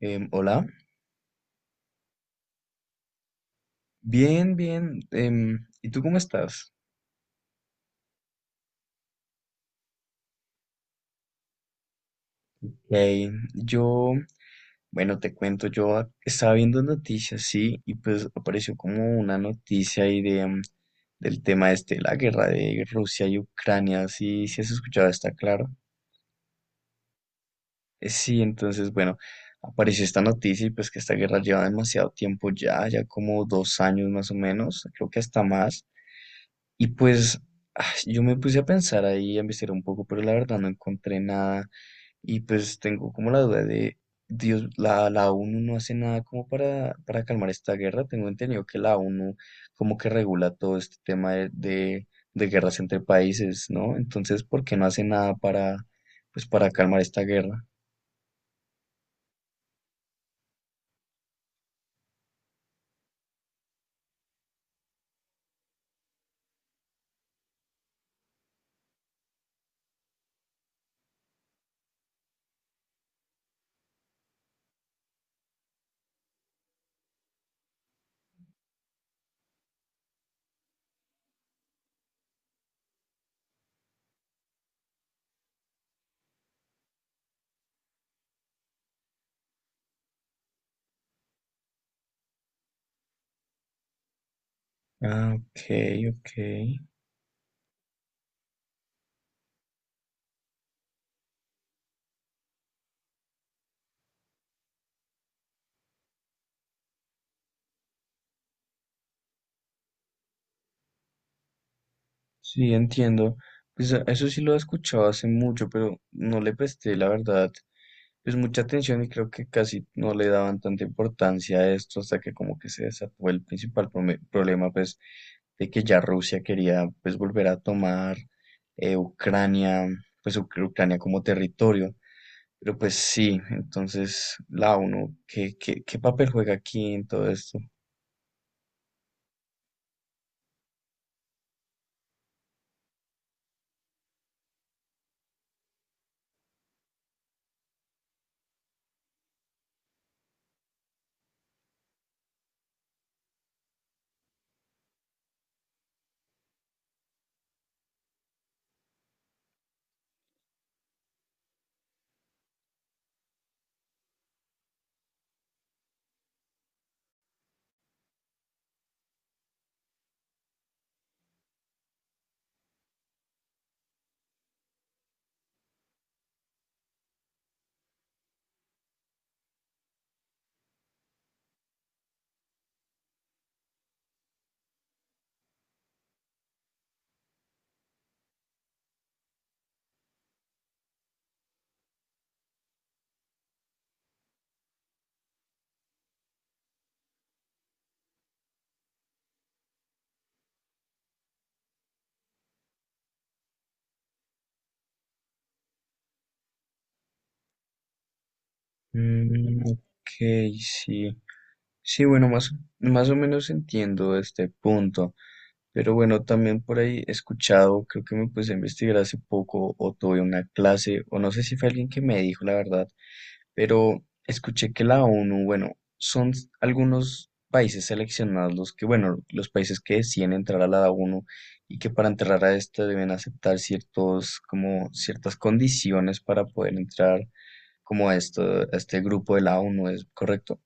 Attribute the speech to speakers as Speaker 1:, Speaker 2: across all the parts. Speaker 1: Hola, bien, bien. ¿Y tú cómo estás? Hey, yo, bueno, te cuento, estaba viendo noticias, sí, y pues apareció como una noticia ahí de, del tema este, de la guerra de Rusia y Ucrania, sí, sí has escuchado, está claro. Sí, entonces, bueno, apareció esta noticia y pues que esta guerra lleva demasiado tiempo ya, ya como dos años más o menos, creo que hasta más. Y pues yo me puse a pensar ahí, a investigar un poco, pero la verdad no encontré nada. Y pues tengo como la duda de, Dios, la ONU no hace nada como para calmar esta guerra. Tengo entendido que la ONU como que regula todo este tema de guerras entre países, ¿no? Entonces, ¿por qué no hace nada para, pues, para calmar esta guerra? Ah, ok, ok. Sí, entiendo. Pues eso sí lo he escuchado hace mucho, pero no le presté, la verdad, pues mucha atención y creo que casi no le daban tanta importancia a esto hasta que como que se desató el principal problema pues de que ya Rusia quería pues volver a tomar Ucrania, pues Ucrania como territorio. Pero pues sí, entonces la ONU, ¿qué papel juega aquí en todo esto? Mm, ok, sí. Sí, bueno, más o menos entiendo este punto. Pero bueno, también por ahí he escuchado, creo que me puse a investigar hace poco o tuve una clase, o no sé si fue alguien que me dijo la verdad, pero escuché que la ONU, bueno, son algunos países seleccionados los que, bueno, los países que deciden entrar a la ONU y que para entrar a esta deben aceptar ciertos, como ciertas condiciones para poder entrar como a esto, a este grupo de la ONU, ¿es correcto?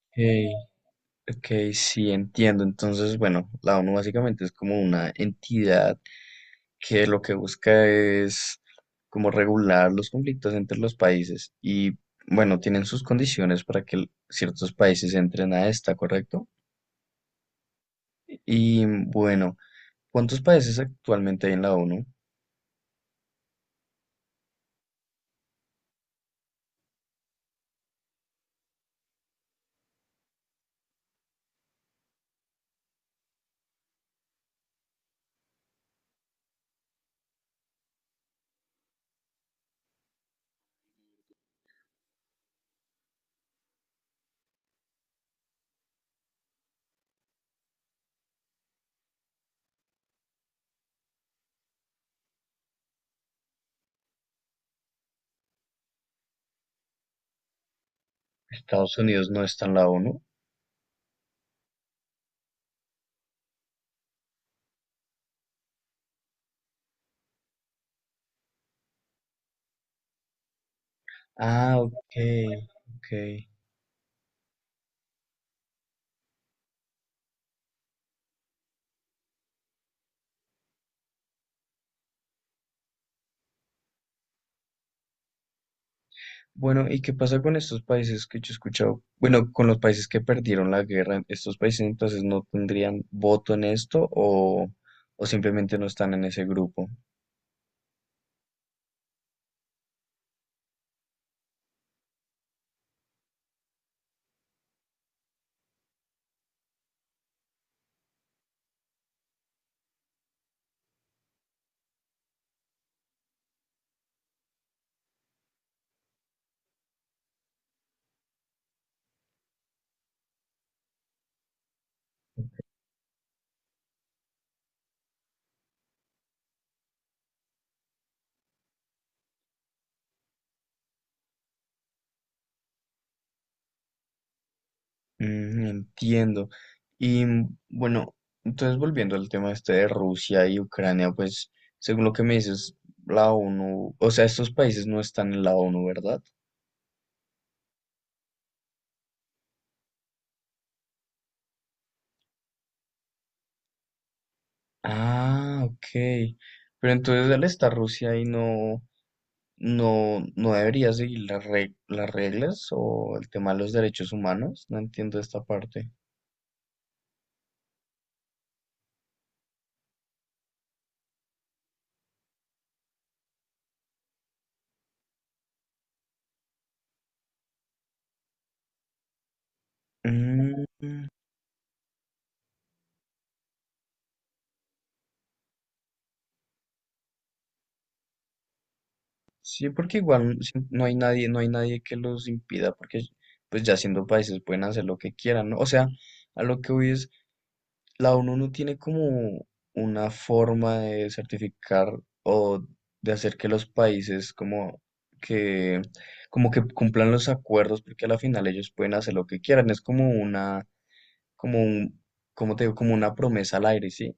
Speaker 1: Ok, ok, sí, entiendo. Entonces, bueno, la ONU básicamente es como una entidad que lo que busca es como regular los conflictos entre los países y, bueno, tienen sus condiciones para que ciertos países entren a esta, ¿correcto? Y, bueno, ¿cuántos países actualmente hay en la ONU? Estados Unidos no está en la ONU. Ah, ok, ok. Bueno, ¿y qué pasa con estos países que yo he escuchado? Bueno, con los países que perdieron la guerra, ¿estos países entonces no tendrían voto en esto o simplemente no están en ese grupo? Mm, entiendo. Y bueno, entonces volviendo al tema este de Rusia y Ucrania, pues según lo que me dices, la ONU, o sea, estos países no están en la ONU, ¿verdad? Ah, ok. Pero entonces al estar Rusia ahí no. No, no debería seguir las las reglas o el tema de los derechos humanos. No entiendo esta parte. Mm, sí, porque igual sí, no hay nadie, no hay nadie que los impida, porque pues ya siendo países pueden hacer lo que quieran, ¿no? O sea, a lo que voy es: la ONU no tiene como una forma de certificar o de hacer que los países que como que cumplan los acuerdos, porque a la final ellos pueden hacer lo que quieran. Es como una, como un, como te digo, como una promesa al aire, ¿sí?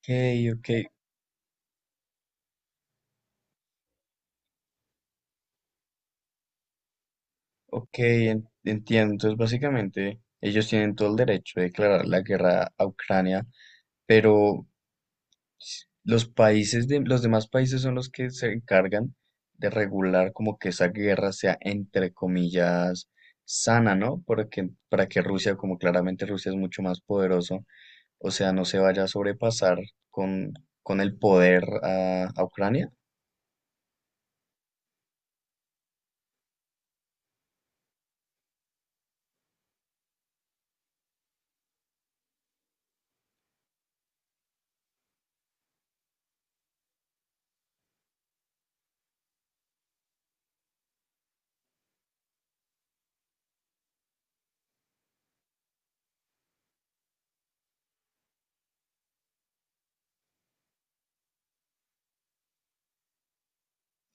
Speaker 1: Ok, ok, ok, entiendo. Entonces, básicamente, ellos tienen todo el derecho de declarar la guerra a Ucrania, pero los demás países son los que se encargan de regular como que esa guerra sea entre comillas sana, ¿no? Porque para que Rusia, como claramente Rusia es mucho más poderoso, o sea, no se vaya a sobrepasar con, con el poder a Ucrania.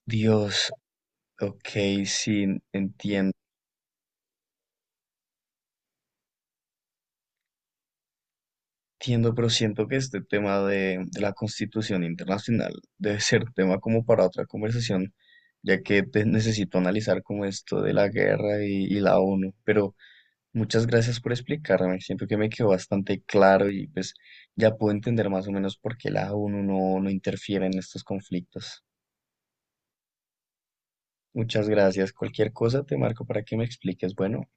Speaker 1: Dios, ok, sí, entiendo. Entiendo, pero siento que este tema de la Constitución Internacional debe ser tema como para otra conversación, ya que necesito analizar como esto de la guerra y la ONU. Pero muchas gracias por explicarme, siento que me quedó bastante claro y pues ya puedo entender más o menos por qué la ONU no, no interfiere en estos conflictos. Muchas gracias. Cualquier cosa te marco para que me expliques. Bueno.